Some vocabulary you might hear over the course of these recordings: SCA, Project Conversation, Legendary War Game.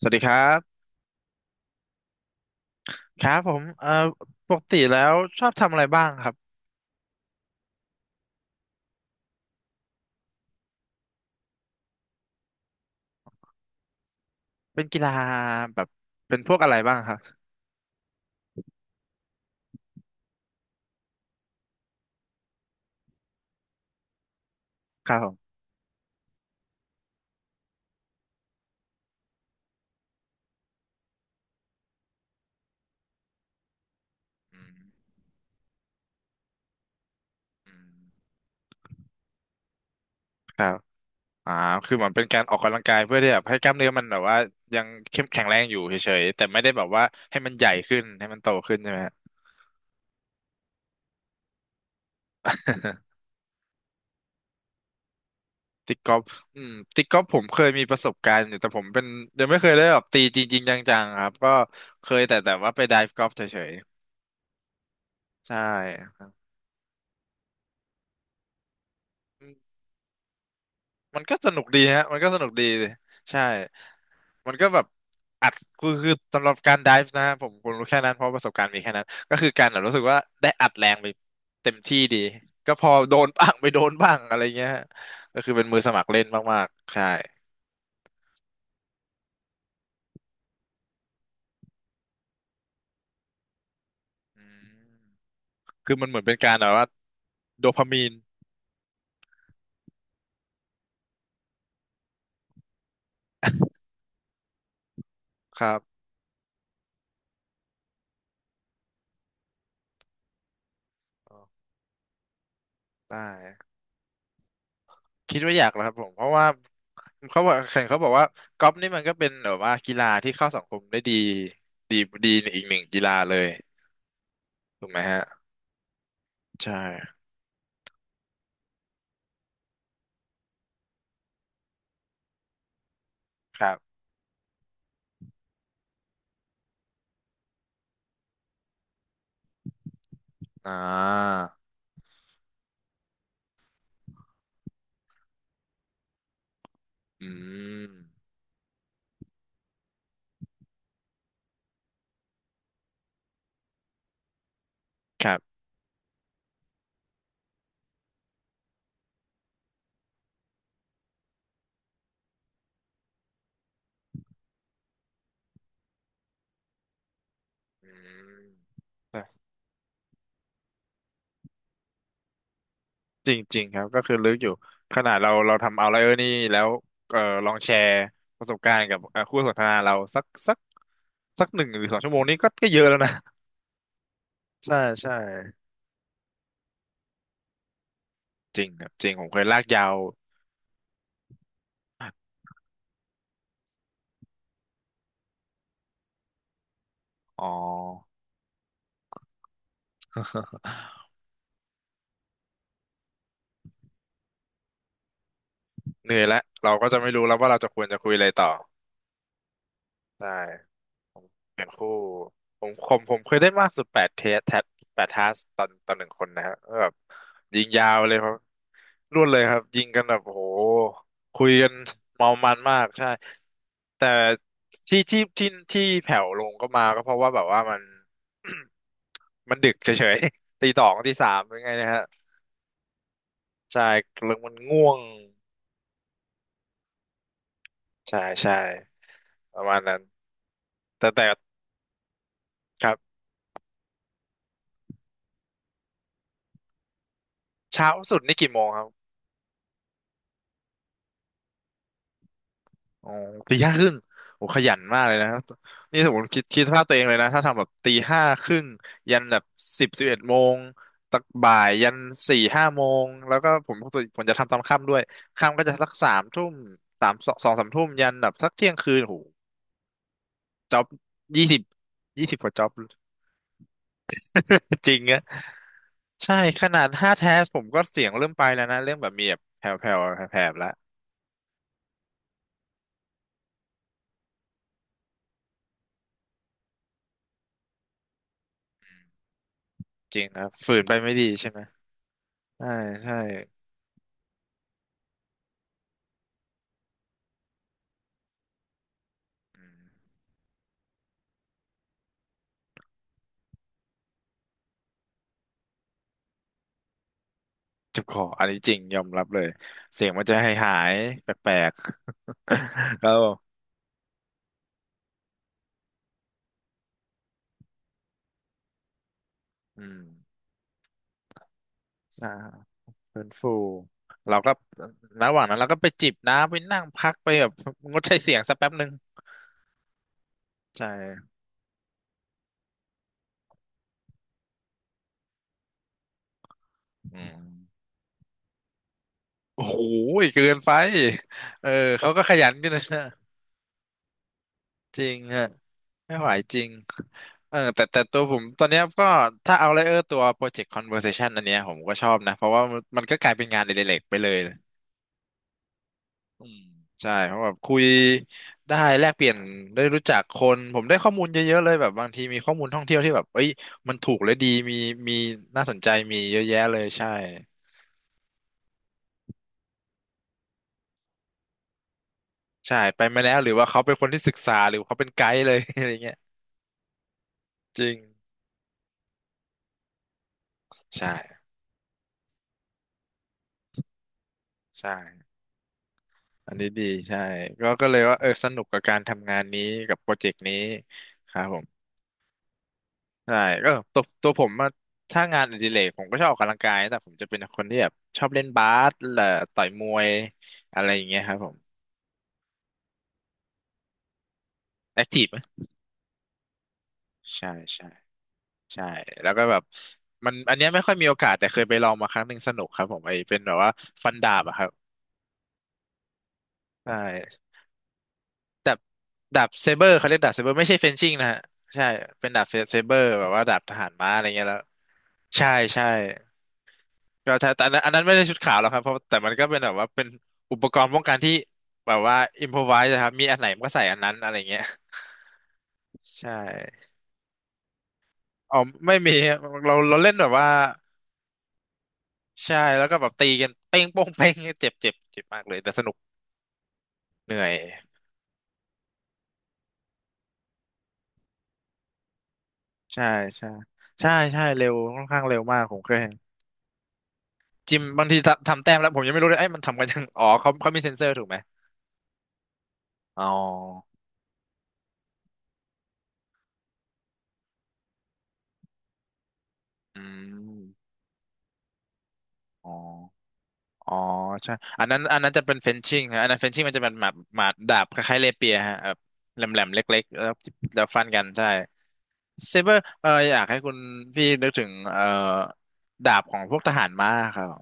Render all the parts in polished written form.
สวัสดีครับครับผมปกติแล้วชอบทำอะไรบ้างครับเป็นกีฬาแบบเป็นพวกอะไรบ้างครับครับผมครับอ่าคือเหมือนเป็นการออกกำลังกายเพื่อที่แบบให้กล้ามเนื้อมันแบบว่ายังเข้มแข็งแรงอยู่เฉยๆแต่ไม่ได้แบบว่าให้มันใหญ่ขึ้นให้มันโตขึ้นใช่ไหมฮะ ตีกอล์ฟอืมตีกอล์ฟผมเคยมีประสบการณ์อยู่แต่ผมเป็นยังไม่เคยได้แบบตีจริงๆจังๆครับก็เคยแต่แต่ว่าไปไดฟ์กอล์ฟเฉยๆใช่ มันก็สนุกดีฮะมันก็สนุกดีใช่มันก็แบบอัดคือสำหรับการไดฟ์นะผมรู้แค่นั้นเพราะประสบการณ์มีแค่นั้นก็คือการแบบรู้สึกว่าได้อัดแรงไปเต็มที่ดีก็พอโดนบ้างไม่โดนบ้างอะไรเงี้ยฮะก็คือเป็นมือสมัครเล่นมากๆใช่อืมคือมันเหมือนเป็นการแบบว่าโดพามีนครับอ๋อได้ คิดว่าอยากนะครับผมเพราะว่าเขาบอกแข่งเขาบอกว่ากอล์ฟนี่มันก็เป็นแบบว่ากีฬาที่เข้าสังคมได้ดีดีดีอีกหนึ่งกีฬาเลยถูกไหมฮะใช่ครับอ่าอืมครับอืมจริงจริงครับก็คือลึกอยู่ขนาดเราทำเอาไลเออร์นี่แล้วเออลองแชร์ประสบการณ์กับคู่สนทนาเราสัก1 หรือ 2 ชั่วโมงนี้ก็ก็เยอะแล้วนะใช่ใช่จริงครับจริงผมเคยลากยาวอ๋อ เหนื่อยแล้วเราก็จะไม่รู้แล้วว่าเราจะควรจะคุยอะไรต่อได้ผมเป็นคู่ผมเคยได้มากสุด8 เทสแทบ8 ทัสตอนหนึ่งคนนะฮะแบบยิงยาวเลยครับรวดเลยครับยิงกันแบบโอ้โหคุยกันเมามันมากใช่แต่ที่แผ่วลงก็มาก็เพราะว่าแบบว่ามัน มันดึกเฉยๆ ตี 2 ตี 3ยังไงนะฮะใช่เรื่องมันง่วงใช่ใช่ประมาณนั้นแต่แต่ครับ เช้าสุดนี่กี่โมงครับอ๋อตี 5 ครึ่งโอ้ขยันมากเลยนะครับนี่สมมติคิดสภาพตัวเองเลยนะ ถ้าทำแบบตี 5 ครึ่งยันแบบ10 11 โมงตักบ่ายยัน4 5 โมงแล้วก็ผมจะทำตอนค่ำด้วยค่ำก็จะสักสามทุ่ม3 2 2 3 ทุ่มยันแบบสักเที่ยงคืน โอ้โหจ็อบยี่สิบ20 กว่าจ็อบ จริงอะใช่ขนาด5 แทสผมก็เสียงเริ่มไปแล้วนะเริ่มแบบมีแบบแผ่วๆแผ่วๆแล้วจริงครับฝืนไปไม่ดีใช่ไหมใช่ใช่ เจ็บคออันนี้จริงยอมรับเลยเสียงมันจะหายหายแปลกๆ แล้วอืมอ่าฟื้นฟูเราก็ระหว่างนั้นเราก็ไปจิบน้ำไปนั่งพักไปแบบงดใช้เสียงสักแป๊บหนึ่งใช่อืมโอ้โหเกินไปเออเขาก็ขยันกันนะจริงฮะไม่ไหวจริงเออแต่แต่ตัวผมตอนเนี้ยก็ถ้าเอาเลยเออตัว Project Conversation อันเนี้ยผมก็ชอบนะเพราะว่ามันก็กลายเป็นงานอดิเรกไปเลย อืมใช่เพราะแบบคุยได้แลกเปลี่ยนได้รู้จักคนผมได้ข้อมูลเยอะๆเลยแบบบางทีมีข้อมูลท่องเที่ยวที่แบบเอ้ยมันถูกและดีมีน่าสนใจมีเยอะแยะเลยใช่ใช่ไปมาแล้วหรือว่าเขาเป็นคนที่ศึกษาหรือเขาเป็นไกด์เลย อะไรเงี้ยจริงใช่ใช่อันนี้ดีใช่ก็ก็เลยว่าเออสนุกกับการทำงานนี้กับโปรเจกต์นี้ครับผม ใช่ก็ตัวผมอะถ้างานอดิเรกผมก็ชอบออกกำลังกายแต่ผมจะเป็นคนที่แบบชอบเล่นบาสและต่อยมวยอะไรอย่างเงี้ยครับผมแอคทีฟไหมใช่ใช่ใช่แล้วก็แบบมันอันเนี้ยไม่ค่อยมีโอกาสแต่เคยไปลองมาครั้งหนึ่งสนุกครับผมไอ้เป็นแบบว่าฟันดาบอะครับใช่ดาบดาบเซเบอร์เขาเรียกดาบเซเบอร์ไม่ใช่เฟนชิ่งนะฮะใช่เป็นดาบเซเบอร์แบบว่าดาบทหารม้าอะไรเงี้ยแล้วใช่ใช่ ก็ใช่แต่อันนั้นอันนั้นไม่ได้ชุดขาวหรอกครับเพราะแต่มันก็เป็นแบบว่าเป็นอุปกรณ์ป้องกันที่แบบว่าอิมพอไวส์ครับมีอันไหนมันก็ใส่อันนั้นอะไรเงี้ยใช่อ๋อไม่มีครับเราเล่นแบบว่าใช่แล้วก็แบบตีกันเป้งโป้งเป้งเจ็บเจ็บเจ็บมากเลยแต่สนุกเหนื่อยใช่ใช่ใช่ใช่เร็วค่อนข้างเร็วมากผมเคยเห็นจิมบางทีทำแต้มแล้วผมยังไม่รู้เลยไอ้ยมันทำกันยังอ๋อเขามีเซ็นเซอร์ถูกไหมอ๋ออืมอ๋อ อ๋อใช่ อันนั้นอันนั้นจะเป็นเฟนชิ่งฮะอันนั้นเฟนชิ่งมันจะเป็นหมาดหมาดดาบคล้ายๆเลเปียฮะแบบแหลมๆเล็กๆแล้วแล้วฟันกันใช่เซเบอร์อยากให้คุณพี่นึกถึงดาบของพวกทหารม้าครับ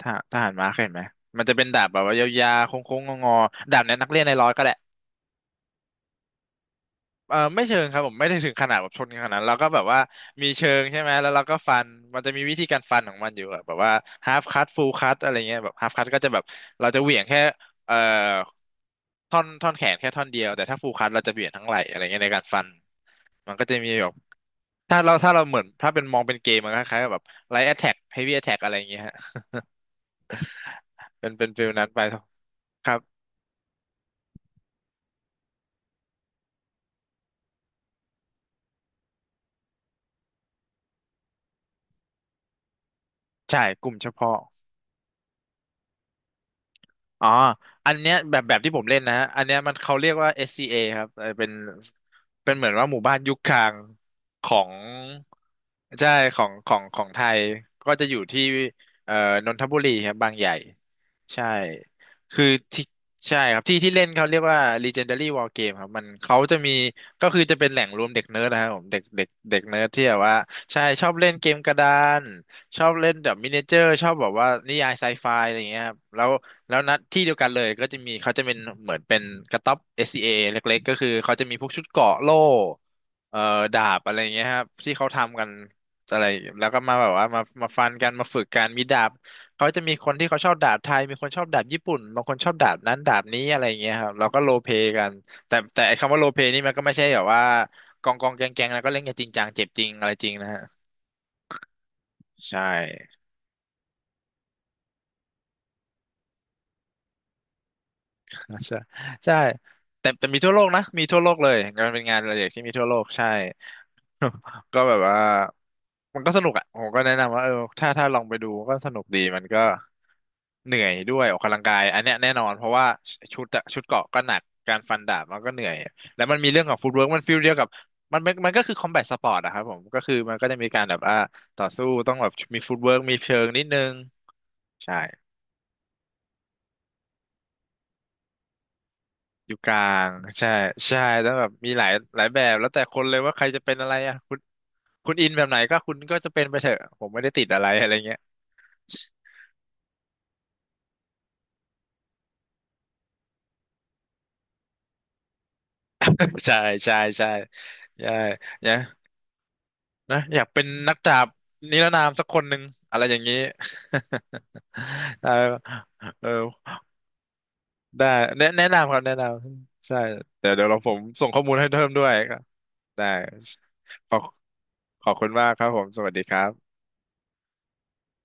ทหารม้าเคยเห็นไหมมันจะเป็นดาบแบบว่ายาวๆโค้งๆงอๆดาบเนี้ยนักเรียนในร้อยก็ได้ เออไม่เชิงครับผมไม่ได้ถึงขนาดแบบชนกันขนาดนั้นเราก็แบบว่ามีเชิงใช่ไหมแล้วเราก็ฟันมันจะมีวิธีการฟันของมันอยู่อะแบบว่า half cut full cut อะไรเงี้ยแบบ half cut ก็จะแบบเราจะเหวี่ยงแค่เอ่อท่อนแขนแค่ท่อนเดียวแต่ถ้า full cut เราจะเหวี่ยงทั้งไหล่อะไรเงี้ยในการฟันมันก็จะมีแบบถ้าเราเหมือนถ้าเป็นมองเป็นเกมมันก็คล้ายๆกับแบบ light attack heavy attack อะไรเงี้ยฮะเป็นฟิลนั้นไปครับใช่กลุ่มเฉพาะ อ๋ออันเนี้ยแบบที่ผมเล่นนะฮะอันเนี้ยมันเขาเรียกว่า SCA ครับเออเป็นเหมือนว่าหมู่บ้านยุคกลางของใช่ของไทยก็จะอยู่ที่เอ่อนนทบุรีครับบางใหญ่ใช่คือที่ใช่ครับที่เล่นเขาเรียกว่า Legendary War Game ครับมันเขาจะมีก็คือจะเป็นแหล่งรวมเด็กเนิร์ดนะครับผมเด็กเด็กเด็กเนิร์ดที่แบบว่าใช่ชอบเล่นเกมกระดานชอบเล่นแบบมินิเจอร์ชอบแบบว่านิยายไซไฟอะไรอย่างเงี้ยครับแล้ว แล้วนัดที่เดียวกันเลยก็จะมีเขาจะเป็นเหมือนเป็นกระต๊อบ SCA เอเล็กๆก็คือเขาจะมีพวกชุดเกราะโล่เอ่อดาบอะไรอย่างเงี้ยครับที่เขาทำกันอะไรแล้วก็มาแบบว่ามาฟันกันมาฝึกกันมีดาบเขาจะมีคนที่เขาชอบดาบไทยมีคนชอบดาบญี่ปุ่นบางคนชอบดาบนั้นดาบนี้อะไรอย่างเงี้ยครับเราก็โรลเพลย์กันแต่ไอ้คำว่าโรลเพลย์นี่มันก็ไม่ใช่แบบว่ากองแกงแล้วก็เล่นกันจริงจังเจ็บจริงอะไรจริงนะฮะใช่ อ่าใช่ใช่แต่มีทั่วโลกนะมีทั่วโลกเลยงานเป็นงานอดิเรกที่มีทั่วโลกใช่ ก็แบบว่ามันก็สนุกอ่ะผมก็แนะนำว่าเออถ้าลองไปดูก็สนุกดีมันก็เหนื่อยด้วยออกกำลังกายอันเนี้ยแน่นอนเพราะว่าชุดอะชุดเกราะก็หนักการฟันดาบมันก็เหนื่อยแล้วมันมีเรื่องของฟุตเวิร์กมันฟีลเดียวกับมันก็คือคอมแบทสปอร์ตอะครับผมก็คือมันก็จะมีการแบบต่อสู้ต้องแบบมีฟุตเวิร์กมีเชิงนิดนึงใช่ อยู่กลางใช่ใช่แล้วแบบมีหลายแบบแล้วแต่คนเลยว่าใครจะเป็นอะไรอ่ะคุณอินแบบไหนก็คุณก็จะเป็นไปเถอะผมไม่ได้ติดอะไรอะไรเงี้ย ใช่ใช่ใช่ใช่เนี่ยนะอยากเป็นนักดาบนิรนามสักคนหนึ่งอะไรอย่างนี้ เออเออได้แนะนำครับแนะนำใช่เดี๋ยวเราผมส่งข้อมูลให้เพิ่มด้วยก็ได้ขอบขอบคุณมากครับผมสวัสดีครับ